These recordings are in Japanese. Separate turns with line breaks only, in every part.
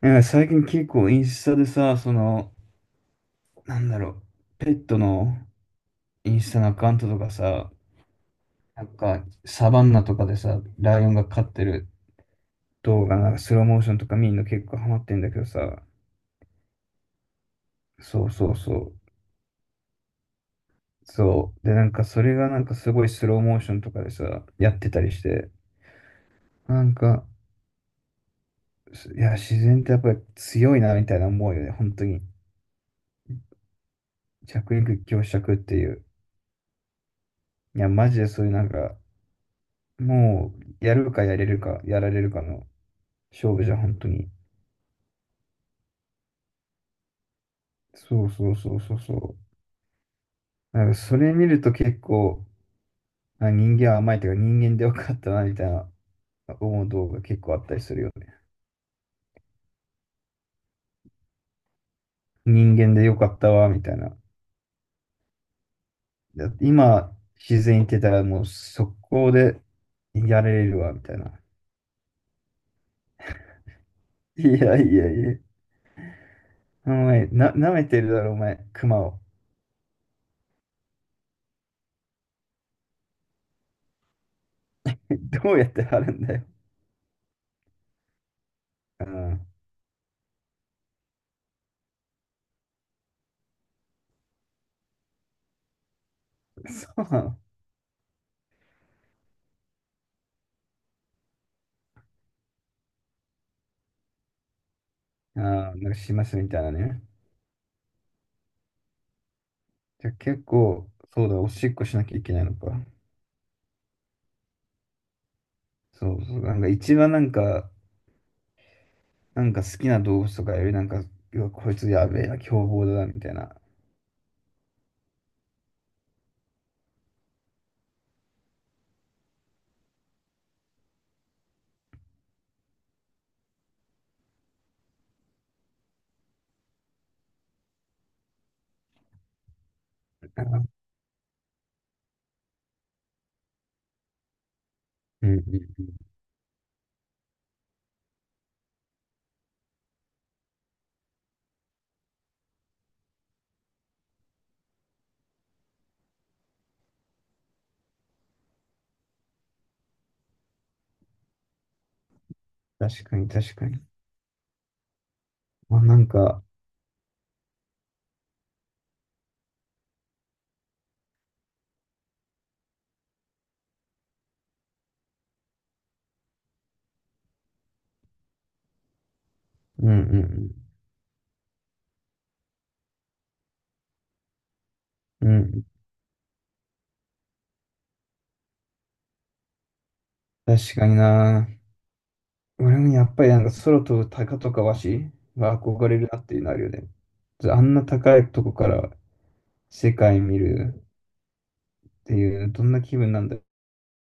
なんか最近結構インスタでさ、その、なんだろう、ペットのインスタのアカウントとかさ、なんかサバンナとかでさ、ライオンが飼ってる動画、なんかスローモーションとか見るの結構ハマってんだけどさ、そうそうそう、そう。で、なんかそれがなんかすごいスローモーションとかでさ、やってたりして、なんか、す自然ってやっぱり強いなみたいな思うよね、本当に。弱肉強食っていう。いや、マジでそういうなんか、もう、やるかやれるか、やられるかの、勝負じゃん、本当に。そうそうそうそうそう。なんかそれ見ると結構、あ、人間は甘いというか人間でよかったな、みたいな思う動画結構あったりするよね。人間でよかったわ、みたいな。だって今、自然行ってたらもう速攻でやれるわ、みたいな。いやいやいや。お前、な、舐めてるだろ、お前、熊を。どうやって貼るんだよ。うん。そうなの。ああ、なんかしますみたいなね。じゃあ結構、そうだ、おしっこしなきゃいけないのか。そうそう、なんか一番なんか、なんか好きな動物とかよりなんか、うわこいつやべえな、凶暴だな、みたいな。うんうんうん。確かに確かに。まあ、なんか、うんうんうん。うん。確かにな。俺もやっぱりなんか空飛ぶ鷹とかワシが憧れるなっていうのあるよね。あんな高いとこから世界見るっていう、どんな気分なんだ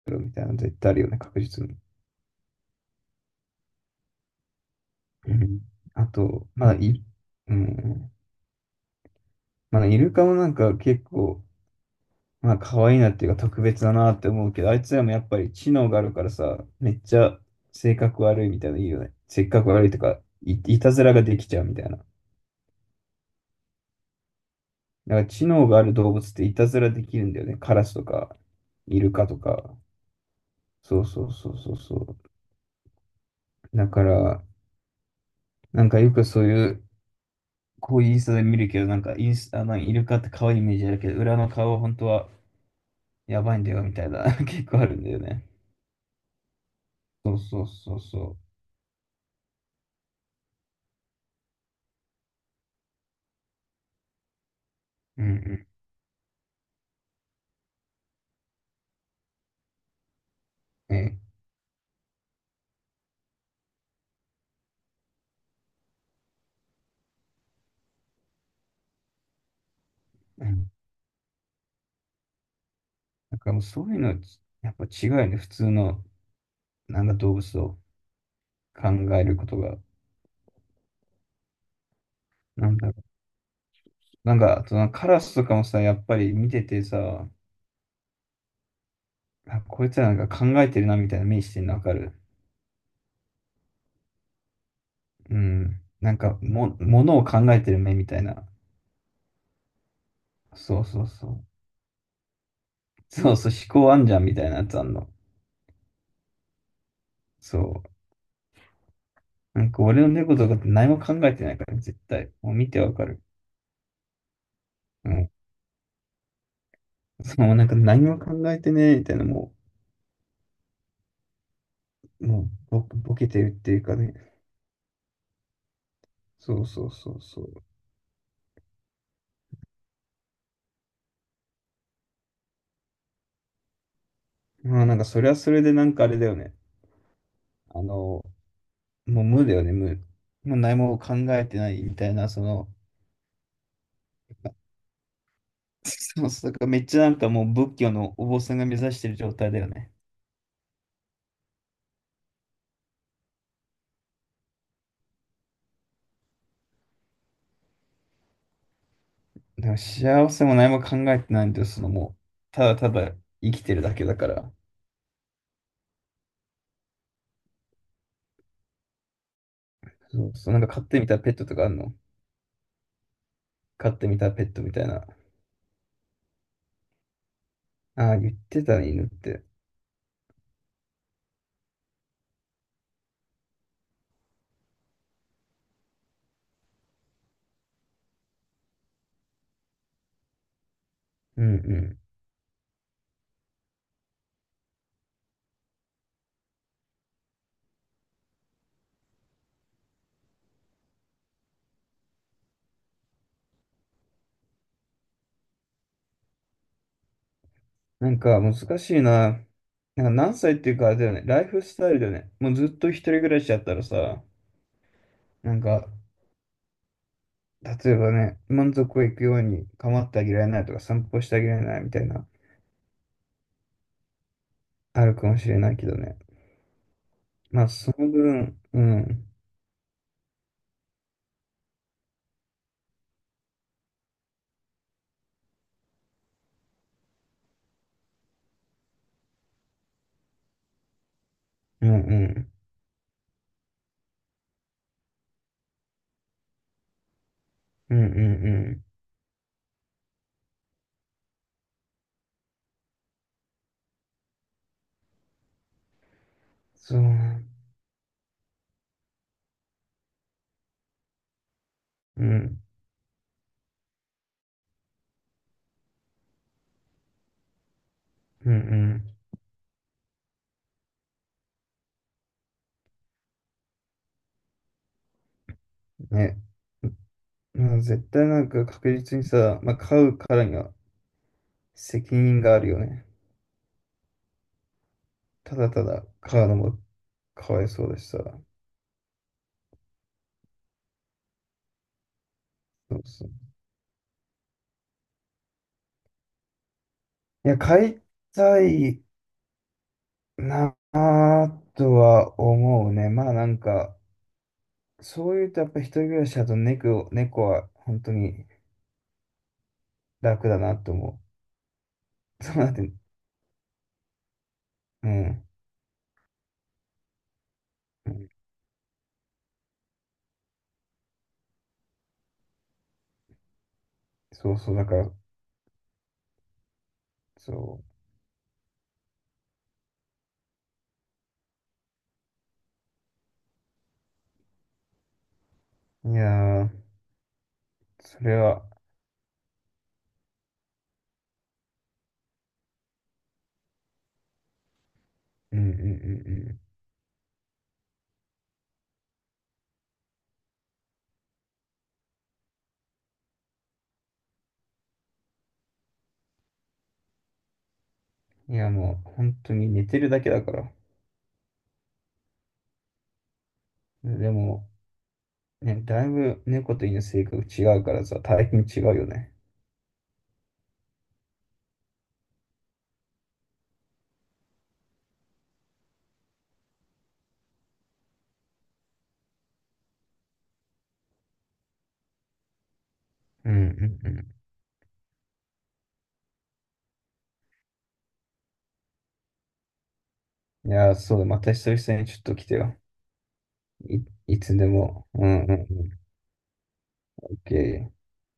ろうみたいなの絶対あるよね、確実に。うん。あと、まだい、うん。まだイルカもなんか結構、まあ可愛いなっていうか特別だなって思うけど、あいつらもやっぱり知能があるからさ、めっちゃ性格悪いみたいなのいいよね。性格悪いとか、いたずらができちゃうみたいな。だから知能がある動物っていたずらできるんだよね。カラスとか、イルカとか。そうそうそうそうそう。だから、なんかよくそういう、こういうインスタで見るけど、なんかインスタ、あのイルカって可愛いイメージあるけど、裏の顔は本当はやばいんだよみたいな、結構あるんだよね。そうそうそうそう。うんうん。え、なんかもうそういうのは、やっぱ違うよね。普通の、なんか動物を考えることが。なんだろう。なんか、あとなんかカラスとかもさ、やっぱり見ててさ、あ、こいつらなんか考えてるなみたいな目してるのわかる。うん。ものを考えてる目みたいな。そうそうそう。そうそう、思考あんじゃんみたいなやつあんの。そう。なんか俺の猫とかって何も考えてないから、絶対。もう見てわかる。うん。そう、なんか何も考えてねえみたいな、もう、うボ、ボケてるっていうかね、そうそうそうそう。まあなんかそれはそれでなんかあれだよね。あの、もう無だよね、無。もう何も考えてないみたいな、その、そうそう、だからめっちゃなんかもう仏教のお坊さんが目指してる状態だよね。でも幸せも何も考えてないんだよ、そのもう、ただただ生きてるだけだから。そうそう、なんか飼ってみたペットとかあるの飼ってみたペットみたいな。ああ、言ってたね、犬って。うん、なんか難しいな。なんか何歳っていうかあれだよね。ライフスタイルだよね。もうずっと一人暮らしだったらさ、なんか、例えばね、満足いくように構ってあげられないとか散歩してあげられないみたいな、あるかもしれないけどね。まあ、その分、うん、うん、うん、うん、うん、うんそう、うん、うん、うん、ね。まあ、絶対なんか確実にさ、まあ、買うからには責任があるよね。ただただ買うのもかわいそうだしさ。そうそう、いや、買いたいなぁとは思うね。まあなんか、そういうとやっぱ一人暮らしだと猫は本当に楽だなと思う。そうなって、うん。うん、そうそう、だから、そう。いやー、それは、うんうんうんうん。いやもう本当に寝てるだけだから。でも、ね、だいぶ猫と犬性格違うからさ、大変違うよね。うんうんうん。いやー、そうだ、また久々にちょっと来てよ。いつでも。うんうんうん。OK。